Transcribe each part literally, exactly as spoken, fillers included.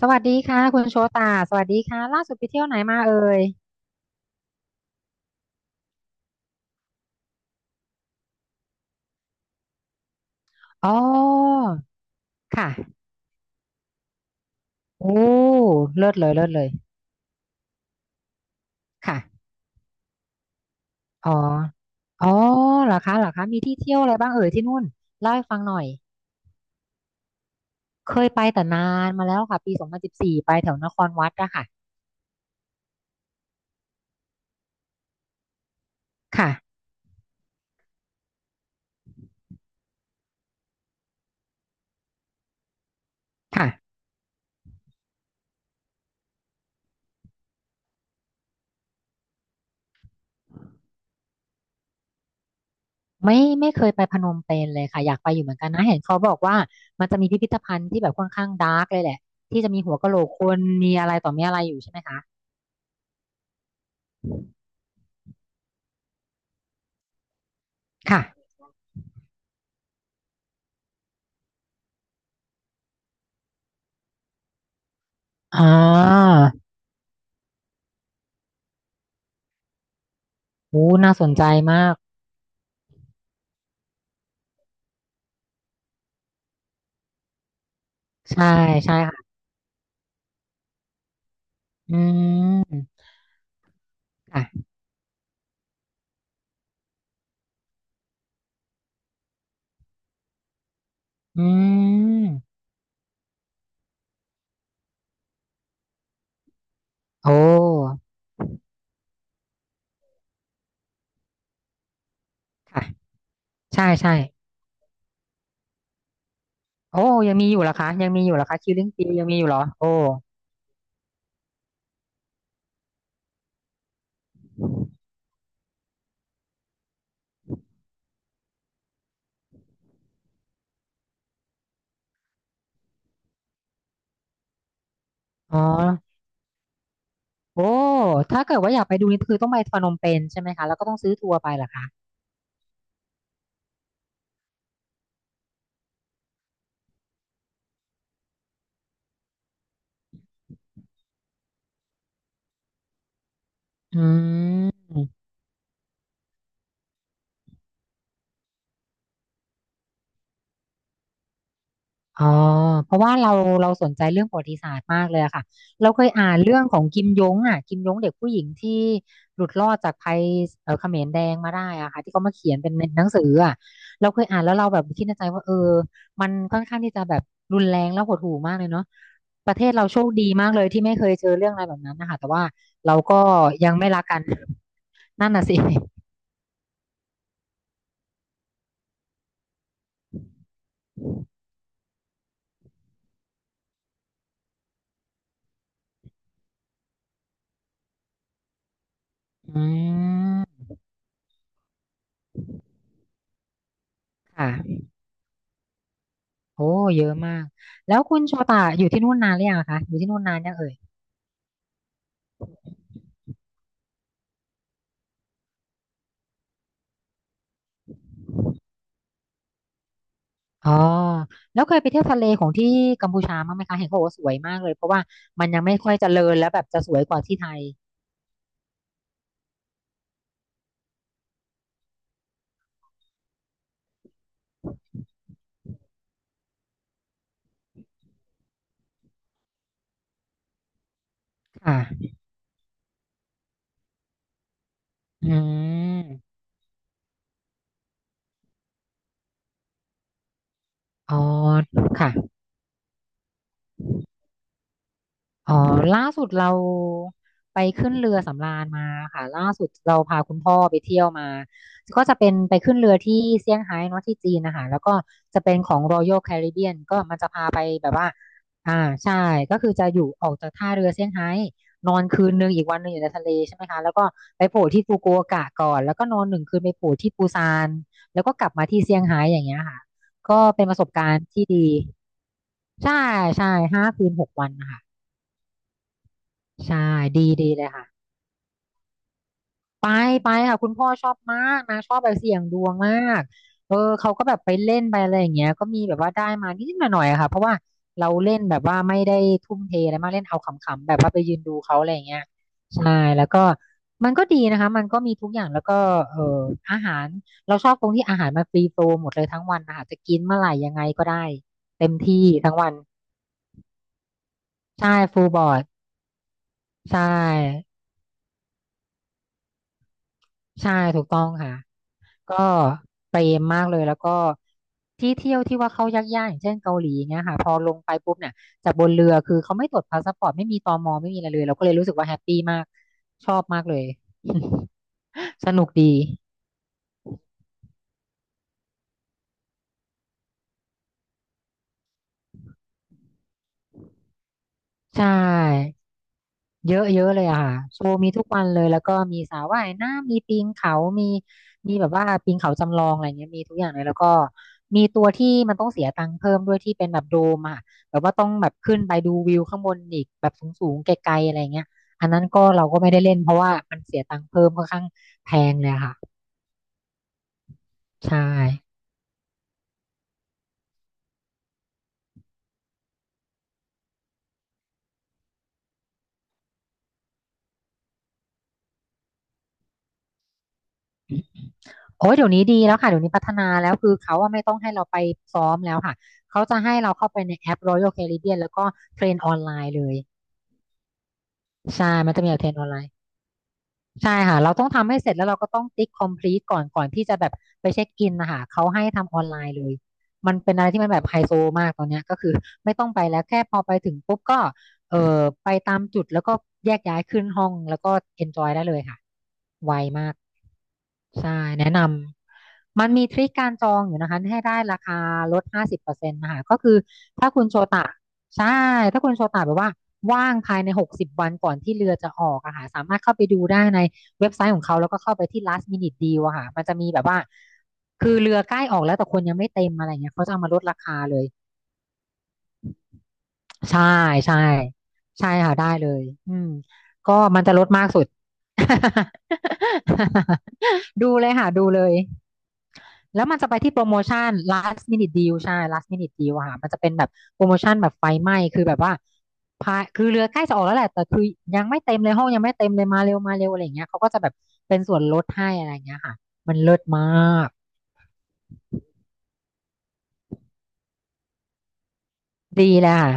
สวัสดีค่ะคุณโชตาสวัสดีค่ะล่าสุดไปเที่ยวไหนมาเอ่ยอ๋อค่ะโอ้เลิศเลยเลิศเลยค่ะอ๋ออ๋อเหรอคะเหรอคะมีที่เที่ยวอะไรบ้างเอ่ยที่นู่นเล่าให้ฟังหน่อยเคยไปแต่นานมาแล้วค่ะปีสองพันสิบสี่ไปแถวนครวัดอะค่ะค่ะค่ะไม่ไม่เคยไปพนมเปญเลยค่ะอยากไปอยู่เหมือนกันนะเห็นเขาบอกว่ามันจะมีพิพิธภัณฑ์ที่แบบค่อนข้างดาร์กเลยแหละที่จะมีหัวกะโหลกคนมีอะไรต่อมีอะไรอยู่ใช่ไหมคะค่ะอ๋อ โอ้น่าสนใจมาก ใช่ ใช่ค่ะ อืมค่ะอืมโอ้ค่ะใช่ใช่โอ้ยังมีอยู่เหรอคะยังมีอยู่เหรอคะคิวลิงปียังมีอยู่เหรอโอ้อ๋อโอ้ ถ้าเกิดว่าอยากไปดูนี่คือต้องไปพนมเปญใช่ไหมคะแล้วก็ต้องซื้อทัวร์ไปเหรอคะอืม อ๋อเพราะว่าเราเราสนใจเรื่องประวัติศาสตร์มากเลยอะค่ะเราเคยอ่านเรื่องของกิมยงอ่ะกิมยงเด็กผู้หญิงที่หลุดรอดจากภัยเอ่อเขมรแดงมาได้อะค่ะที่เขามาเขียนเป็นหนังสืออ่ะเราเคยอ่านแล้วเราแบบคิดในใจว่าเออมันค่อนข้างที่จะแบบรุนแรงแล้วหดหู่มากเลยเนาะประเทศเราโชคดีมากเลยที่ไม่เคยเจอเรื่องอะไรแบบนั้นนะคะแต่ว่าเราก็ยังไม่รักกัน นั่นน่ะสิอืมค่ะโอ้เยอะมากแล้วคุณโชตาอยู่ที่นู่นนานหรือยังอะคะอยู่ที่นู่นนานยังเอ่ย อ๋อแล้วเคยไปเที่ยวทะเลของที่กัมพูชาบ้างไหมคะเห็นเขาบอกว่าสวยมากเลยเพราะว่ามันยังไม่ค่อยเจริญแล้วแบบจะสวยกว่าที่ไทยค่ะอืมอ๋อค่ะ อ๋อล่าสุดเราไปขึ้นเรือสำราญมาค่ะล่าสุดเราพาคุณพ่อไปเที่ยวมาก็จะเป็นไปขึ้นเรือที่เซี่ยงไฮ้เนาะที่จีนนะคะแล้วก็จะเป็นของ Royal Caribbean ก็มันจะพาไปแบบว่าอ่าใช่ก็คือจะอยู่ออกจากท่าเรือเซี่ยงไฮ้นอนคืนหนึ่งอีกวันหนึ่งอยู่ในทะเลใช่ไหมคะแล้วก็ไปโผล่ที่ฟุกุโอกะก่อนแล้วก็นอนหนึ่งคืนไปโผล่ที่ปูซานแล้วก็กลับมาที่เซี่ยงไฮ้อย่างเงี้ยค่ะก็เป็นประสบการณ์ที่ดีใช่ใช่ห้าคืนหกวันนะคะ ใช่ดีดีเลยค่ะไปไปค่ะคุณพ่อชอบมากนะชอบไปเสี่ยงดวงมากเออเขาก็แบบไปเล่นไปอะไรอย่างเงี้ยก็มีแบบว่าได้มานิดๆหน่อยๆอะค่ะเพราะว่าเราเล่นแบบว่าไม่ได้ทุ่มเทอะไรมากเล่นเอาขำๆแบบว่าไปยืนดูเขาอะไรอย่างเงี้ยใช่แล้วก็มันก็ดีนะคะมันก็มีทุกอย่างแล้วก็เอออาหารเราชอบตรงที่อาหารมันฟรีโฟลว์หมดเลยทั้งวันนะคะจะกินเมื่อไหร่ยังไงก็ได้เต็มที่ทั้งวันใช่ฟูลบอร์ดใช่ใช่ถูกต้องค่ะ ก็เปรมมากเลยแล้วก็ที่เที่ยวที่ว่าเขายากๆอย่างเช่นเกาหลีเงี้ยค่ะพอลงไปปุ๊บเนี่ยจากบนเรือคือเขาไม่ตรวจพาสปอร์ตไม่มีตมไม่มีอะไรเลยเราก็เลยรู้สึกว่าแฮปปี้มากชอบมากเลย สนุกดีใช่ เยอะเยอะเลยอะค่ะโชว์มีทุกวันเลยแล้วก็มีสระว่ายน้ำมีปีนเขามีมีแบบว่าปีนเขาจำลองอะไรเงี้ยมีทุกอย่างเลยแล้วก็มีตัวที่มันต้องเสียตังค์เพิ่มด้วยที่เป็นแบบโดมอะแบบว่าต้องแบบขึ้นไปดูวิวข้างบนอีกแบบสูงๆไกลๆอะไรเงี้ยอันนั้นก็เราก็ไม่ได้เล่นเพราะว่ามันเสียตังค์เพิ่มค่อนข้างแพงเลยอะค่ะใช่โอ้ยเดี๋ยวนี้ดีแล้วค่ะเดี๋ยวนี้พัฒนาแล้วคือเขาว่าไม่ต้องให้เราไปซ้อมแล้วค่ะเขาจะให้เราเข้าไปในแอป Royal Caribbean แล้วก็เทรนออนไลน์เลย ใช่มันจะมีแบบเทรนออนไลน์ใช่ค่ะเราต้องทำให้เสร็จแล้วเราก็ต้องติ๊กคอมพลี e ก่อนก่อนที่จะแบบไปเช็คอินนะคะเขาให้ทำออนไลน์เลย มันเป็นอะไรที่มันแบบไฮโซมากตอนเนี้ยก็คือไม่ต้องไปแล้วแค่พอไปถึงปุ๊บก็เออไปตามจุดแล้วก็แยกย้ายขึ้นห้องแล้วก็เอนจอยได้เลยค่ะไวมาก ใช่แนะนำมันมีทริคการจองอยู่นะคะให้ได้ราคาลดห้าสิบเปอร์เซ็นต์นะคะก็คือถ้าคุณโชตะใช่ถ้าคุณโชตะแบบว่าว่างภายในหกสิบวันก่อนที่เรือจะออกอะค่ะสามารถเข้าไปดูได้ในเว็บไซต์ของเขาแล้วก็เข้าไปที่ last minute deal อะค่ะมันจะมีแบบว่าคือเรือใกล้ออกแล้วแต่คนยังไม่เต็มอะไรเงี้ยเขาจะเอามาลดราคาเลยใช่ใช่ใช่ค่ะได้เลยอืมก็มันจะลดมากสุด ดูเลยค่ะดูเลย แล้วมันจะไปที่โปรโมชั่น last minute deal ใช่ last minute deal อะค่ะมันจะเป็นแบบโปรโมชั่นแบบไฟไหม้คือแบบว่าพาคือเรือใกล้จะออกแล้วแหละ แต่คือยังไม่เต็มเลยห้องยังไม่เต็มเลยมาเร็วมาเร็วอะไรอย่างเงี้ยเขาก็จะแบบเป็นส่วนลดให้อะไรอย่างเงี้ยค่ะ มันเลิศมากดีเลยค่ะ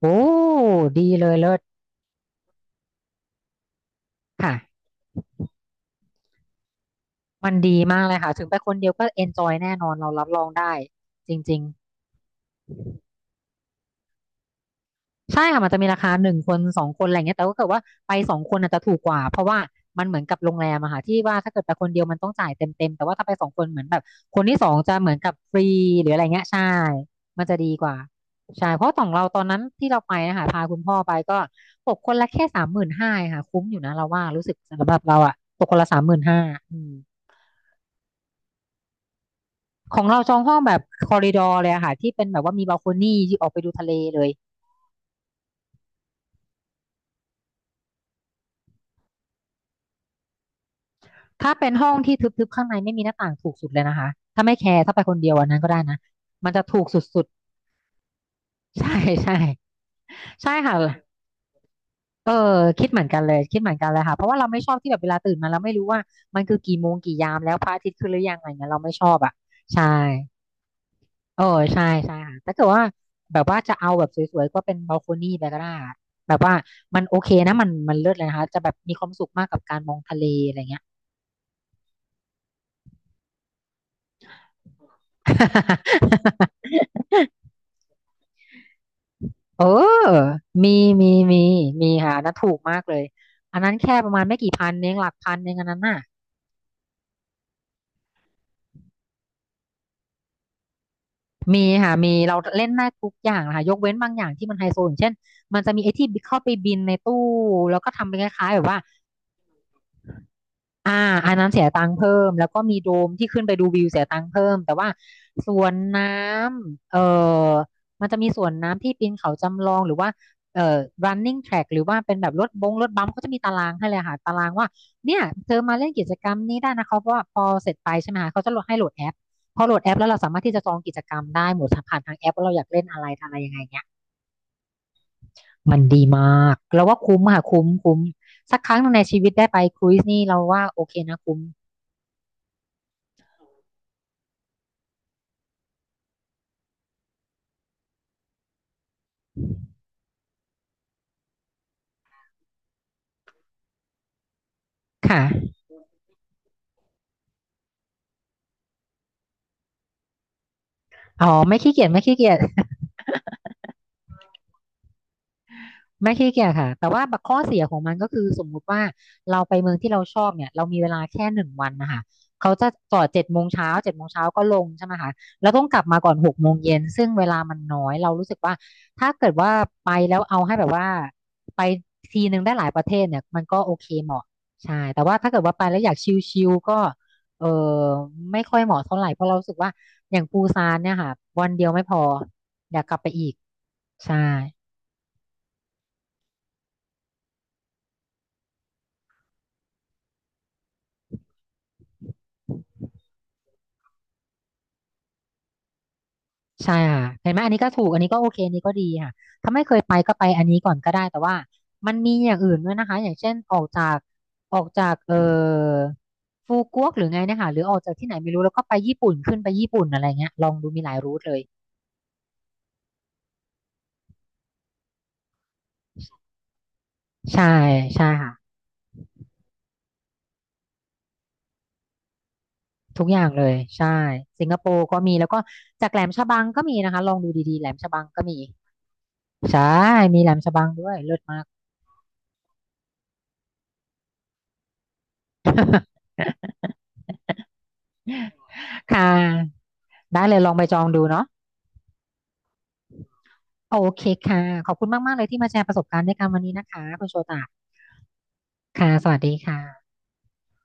โอ้ดีเลยเลิศค่ะ มันดีมากเลยค่ะ ถึงไปคนเดียวก็เอนจอยแน่นอนเรารับรองได้จริงๆ ใช่ค่ะมันจะมีราคาหนึ่งคนสองคนอะไรเงี้ยแต่ก็เกิดว่าไปสองคนอาจจะถูกกว่าเพราะว่ามันเหมือนกับโรงแรมอะค่ะที่ว่าถ้าเกิดไปคนเดียวมันต้องจ่ายเต็มเต็มแต่ว่าถ้าไปสองคนเหมือนแบบคนที่สองจะเหมือนกับฟรีหรืออะไรเงี้ยใช่มันจะดีกว่าใช่เพราะของเราตอนนั้นที่เราไปนะคะพาคุณพ่อไปก็ตกคนละแค่สามหมื่นห้าค่ะคุ้มอยู่นะเราว่ารู้สึกสำหรับเราอะตกคนละสามหมื่นห้าของเราจองห้องแบบคอริดอร์เลยอะค่ะที่เป็นแบบว่ามีบัลโคนี่ที่ออกไปดูทะเลเลย ถ้าเป็นห้องที่ทึบๆข้างในไม่มีหน้าต่างถูกสุดเลยนะคะถ้าไม่แคร์ถ้าไปคนเดียวอันนั้นก็ได้นะมันจะถูกสุดๆ ใช่ใช่ใช่ค่ะเออคิดเหมือนกันเลยคิดเหมือนกันเลยค่ะเพราะว่าเราไม่ชอบที่แบบเวลาตื่นมาเราไม่รู้ว่ามันคือกี่โมงกี่ยามแล้วพระอาทิตย์ขึ้นหรือยังอะไรเงี้ยเราไม่ชอบอ่ะใช่เออใช่ใช่ค่ะถ้าเกิดว่าแบบว่าจะเอาแบบสวยๆก็เป็นบัลโคนี่ไปก็ได้อะแบบว่ามันโอเคนะมันมันเลิศเลยนะคะจะแบบมีความสุขมากกับการมองทะเลอะไรเงี้ย เออ มี มี มี มีค่ะอันนั้นถูกมากเลย อันนั้นแค่ประมาณไม่กี่พันเองหลักพันเองอันนั้นน่ะมีค่ะ มีเราเล่นได้ทุกอย่างนะคะยกเว้นบางอย่างที่มันไฮโซอย่างเช่น มันจะมีไอ้ที่เข้าไปบินในตู้ แล้วก็ทำเป็นคล้ายๆแบบว่า อ่าอันนั้นเสียตังค์เพิ่มแล้วก็มีโดมที่ขึ้นไปดูวิวเสียตังค์เพิ่มแต่ว่าสวนน้ำเออมันจะมีสวนน้ำที่ปีนเขาจำลองหรือว่าเอ่อ running track หรือว่าเป็นแบบรถบงรถบัมป์เขาจะมีตารางให้เลยค่ะตารางว่าเนี่ยเธอมาเล่นกิจกรรมนี้ได้นะเขาเพราะว่าพอเสร็จไปใช่ไหมคะเขาจะโหลดให้โหลดแอปพอโหลดแอปแล้วเราสามารถที่จะจองกิจกรรมได้หมดผ่านทางแอปว่าเราอยากเล่นอะไรอะไรยังไงเงี้ยมันดีมากเราว่าคุ้มค่ะคุ้มคุ้มสักครั้งหนึ่งในชีวิตได้ไปครูซนี่เราว่าโอเคนะคุ้มค่ะ อ๋อไม่ขี้เกียจไม่ขี้เกียจ ไม่ขี้เกียจค่ะแต่ว่าบักข้อเสียของมันก็คือสมมุติว่าเราไปเมืองที่เราชอบเนี่ยเรามีเวลาแค่หนึ่งวันนะคะเขาจะจอดเจ็ดโมงเช้าเจ็ดโมงเช้าก็ลงใช่ไหมคะแล้วต้องกลับมาก่อนหกโมงเย็นซึ่งเวลามันน้อยเรารู้สึกว่าถ้าเกิดว่าไปแล้วเอาให้แบบว่าไปทีนึงได้หลายประเทศเนี่ยมันก็โอเคเหมาะใช่แต่ว่าถ้าเกิดว่าไปแล้วอยากชิลๆก็เออไม่ค่อยเหมาะเท่าไหร่เพราะเรารู้สึกว่าอย่างปูซานเนี่ยค่ะวันเดียวไม่พออยากกลับไปอีกใช่ ใช่ค่ะเห็นไหมอันนี้ก็ถูกอันนี้ก็โอเคอันนี้ก็ดีค่ะถ้าไม่เคยไปก็ไปอันนี้ก่อนก็ได้แต่ว่ามันมีอย่างอื่นด้วยนะคะอย่างเช่นออกจากออกจากเอ่อฟูกวกหรือไงเนะคะหรือออกจากที่ไหนไม่รู้แล้วก็ไปญี่ปุ่นขึ้นไปญี่ปุ่นอะไรเงี้ยลองดูมีหลายรูทเลยใช่ใช่ค่ะทุกอย่างเลยใช่สิงคโปร์ก็มีแล้วก็จากแหลมฉบังก็มีนะคะลองดูดีๆแหลมฉบังก็มีใช่มีแหลมฉบังด้วยเลิศมาก ค่ะได้เลยลองไปจองดูเนาะ โอเคค่ะขอบคุณมากๆเลยที่มาแชร์ประสบการณ์ด้วยกันวันนี้นะคะคุณโชตะค่ะสวัสดีค่ะ